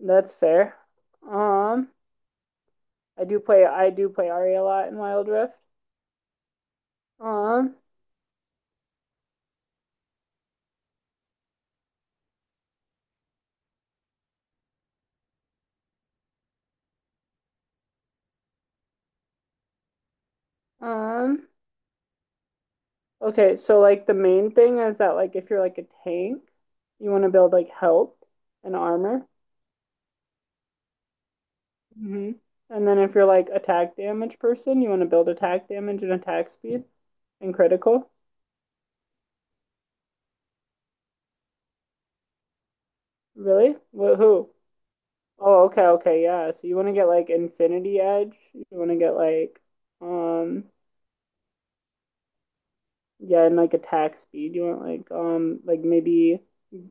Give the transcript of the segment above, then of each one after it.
That's fair. Um, I do play Ari a lot in Wild Rift. Um, um, okay, so like the main thing is that like if you're like a tank, you want to build like health and armor. Hmm. And then if you're like attack damage person, you want to build attack damage and attack speed and critical. Really? What who? Oh, okay, okay, yeah. So you want to get like Infinity Edge. You want to get like um yeah, and like attack speed. You want like maybe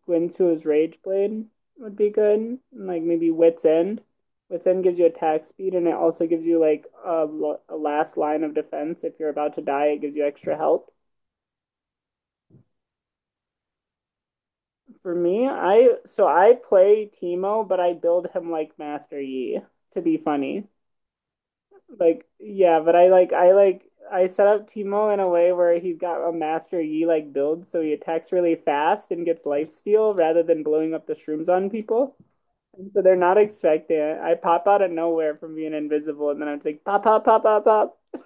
Gwinsu's Rage Blade would be good. And, like maybe Wit's End. Wit's End gives you attack speed and it also gives you like a last line of defense. If you're about to die, it gives you extra health. For me, I play Teemo, but I build him like Master Yi to be funny. Like, yeah, but I set up Teemo in a way where he's got a Master Yi like build, so he attacks really fast and gets lifesteal rather than blowing up the shrooms on people. And so they're not expecting it. I pop out of nowhere from being invisible, and then I'm just like pop, pop, pop, pop, pop.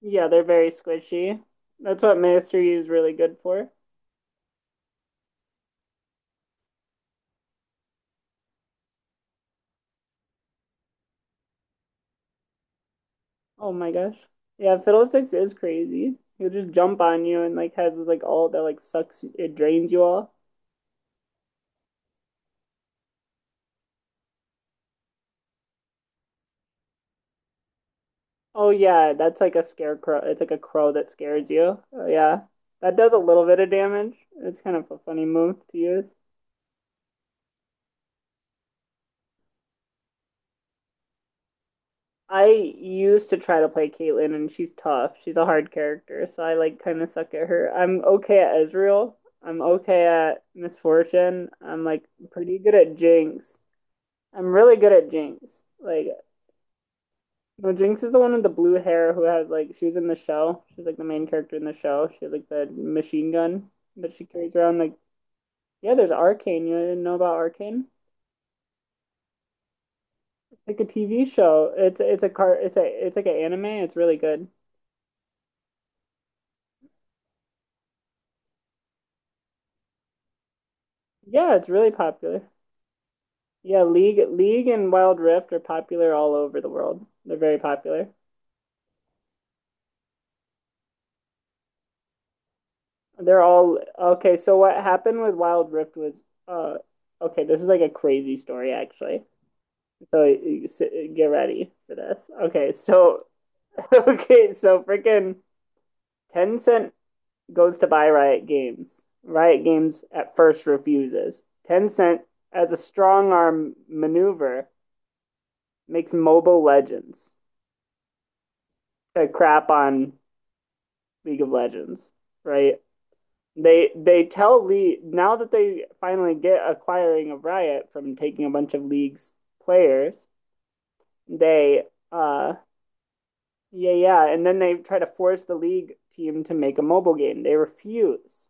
Yeah, they're very squishy. That's what Master Yi is really good for. Oh my gosh. Yeah, Fiddlesticks is crazy. He'll just jump on you and like has this like ult that like sucks it drains you all. Oh yeah, that's like a scarecrow. It's like a crow that scares you. Oh yeah. That does a little bit of damage. It's kind of a funny move to use. I used to try to play Caitlyn and she's tough. She's a hard character, so I like kind of suck at her. I'm okay at Ezreal. I'm okay at Misfortune. I'm like pretty good at Jinx. I'm really good at Jinx. Like no, Jinx is the one with the blue hair who has like she was in the show. She's like the main character in the show. She has like the machine gun that she carries around like yeah, there's Arcane. You didn't know about Arcane? It's like a TV show. It's a car. It's a it's like an anime. It's really good. Yeah, it's really popular. Yeah, League and Wild Rift are popular all over the world. They're very popular. They're all okay. So what happened with Wild Rift was okay. This is like a crazy story actually. So you get ready for this. Okay, so okay, so freaking Tencent goes to buy Riot Games. Riot Games at first refuses. Tencent, as a strong arm maneuver, makes Mobile Legends to crap on League of Legends, right? They tell Lee now that they finally get acquiring of Riot from taking a bunch of League's players, they uh yeah yeah, and then they try to force the League team to make a mobile game. They refuse.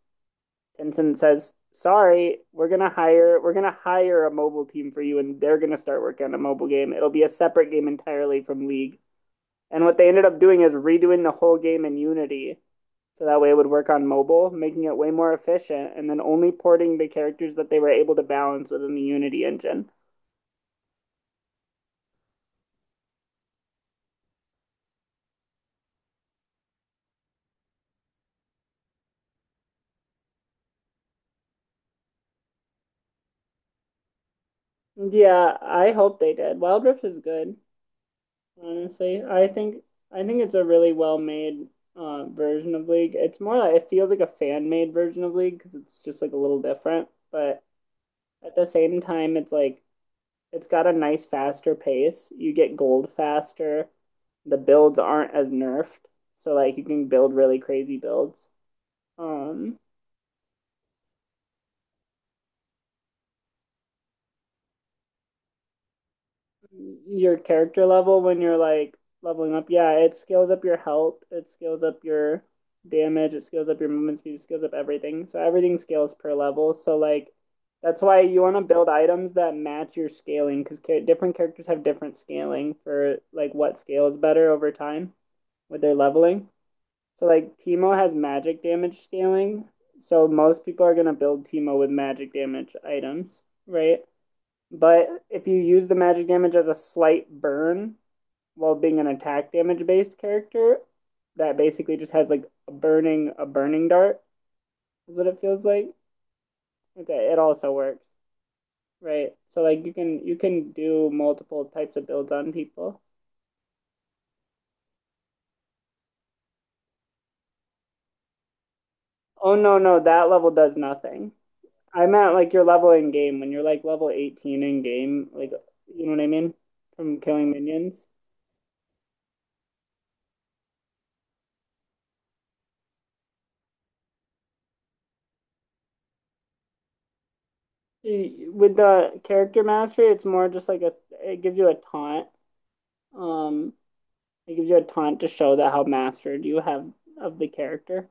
Tencent says, "Sorry, we're gonna hire a mobile team for you, and they're gonna start working on a mobile game. It'll be a separate game entirely from League." And what they ended up doing is redoing the whole game in Unity, so that way it would work on mobile, making it way more efficient, and then only porting the characters that they were able to balance within the Unity engine. Yeah, I hope they did. Wild Rift is good, honestly. I think it's a really well-made version of League. It's more like it feels like a fan-made version of League because it's just like a little different, but at the same time, it's like it's got a nice faster pace. You get gold faster. The builds aren't as nerfed, so like you can build really crazy builds. Um, your character level when you're like leveling up. Yeah, it scales up your health, it scales up your damage, it scales up your movement speed, it scales up everything. So everything scales per level. So like that's why you want to build items that match your scaling because ca different characters have different scaling for like what scales better over time with their leveling. So like Teemo has magic damage scaling. So most people are gonna build Teemo with magic damage items, right? But if you use the magic damage as a slight burn while being an attack damage based character, that basically just has like a burning dart is what it feels like. Okay, it also works, right? So like you can do multiple types of builds on people. Oh no no that level does nothing. I meant like your level in game when you're like level 18 in game, like you know what I mean from killing minions. With the character mastery, it's more just like a it gives you a taunt. Um, it gives you a taunt to show that how mastered you have of the character.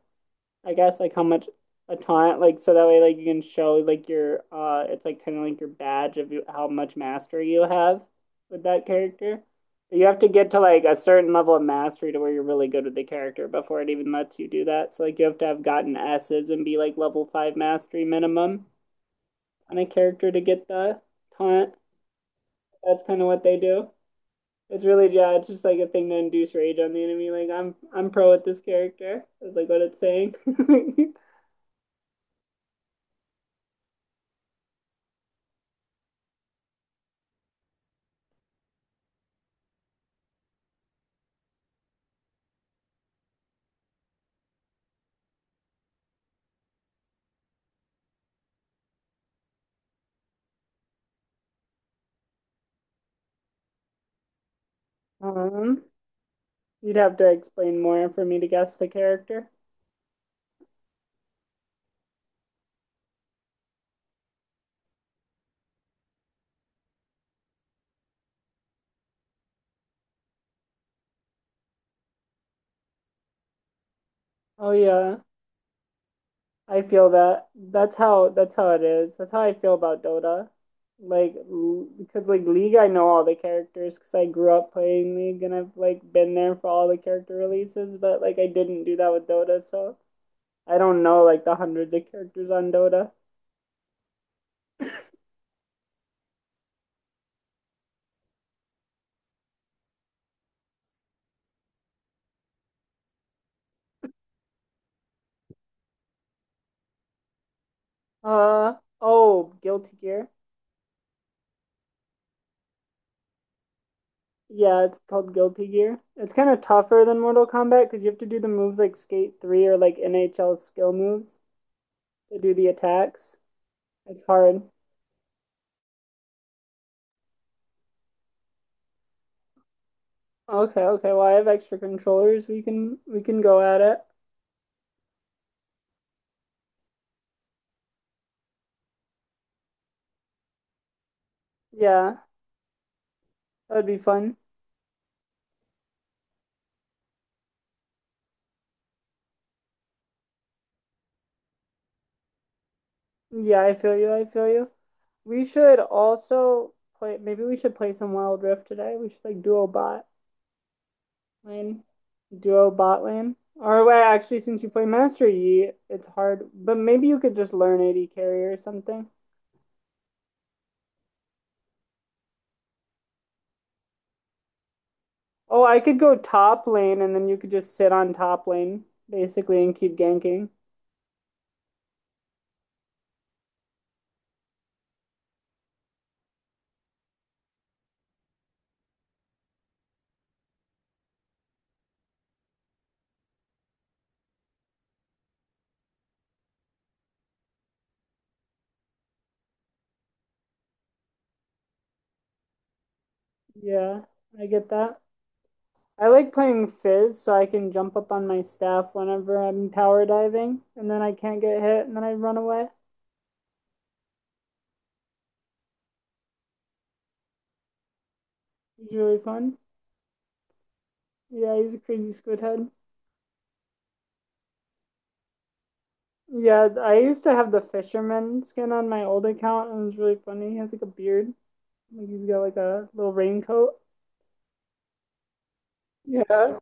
I guess like how much a taunt like so that way like you can show like your it's like kind of like your badge of you, how much mastery you have with that character. But you have to get to like a certain level of mastery to where you're really good with the character before it even lets you do that. So like you have to have gotten S's and be like level five mastery minimum on a character to get the taunt. That's kind of what they do. It's really yeah, it's just like a thing to induce rage on the enemy. Like I'm pro at this character. Is like what it's saying. Um, you'd have to explain more for me to guess the character. Oh yeah, I feel that. That's how it is. That's how I feel about Dota. Like because like League, I know all the characters because I grew up playing League and I've like been there for all the character releases, but like I didn't do that with Dota, so I don't know like the hundreds of characters on Dota. Uh oh, Guilty Gear. Yeah, it's called Guilty Gear. It's kind of tougher than Mortal Kombat because you have to do the moves like Skate 3 or like NHL skill moves to do the attacks. It's hard. Okay, okay. Well, I have extra controllers. We can go at it. Yeah, that'd be fun. Yeah, I feel you. I feel you. We should also play. Maybe we should play some Wild Rift today. We should like duo bot. Lane, duo bot lane. Or wait, actually, since you play Master Yi, it's hard. But maybe you could just learn AD carry or something. Oh, I could go top lane, and then you could just sit on top lane basically and keep ganking. Yeah, I get that. I like playing Fizz so I can jump up on my staff whenever I'm tower diving, and then I can't get hit, and then I run away. It's really fun. Yeah, he's a crazy squid head. Yeah, I used to have the fisherman skin on my old account, and it was really funny. He has like a beard. Like he's got like a little raincoat. Yeah.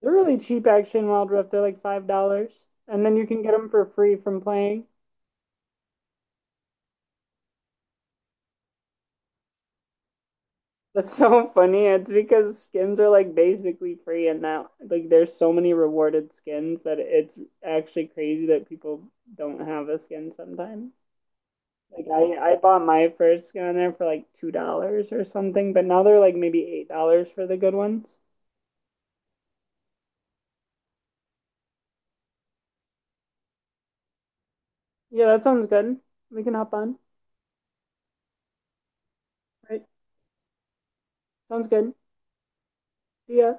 They're really cheap actually in Wild Rift. They're like $5, and then you can get them for free from playing. That's so funny. It's because skins are like basically free, and now like there's so many rewarded skins that it's actually crazy that people don't have a skin sometimes. Like I bought my first skin on there for like $2 or something, but now they're like maybe $8 for the good ones. Yeah, that sounds good. We can hop on. Right. Sounds good. See ya.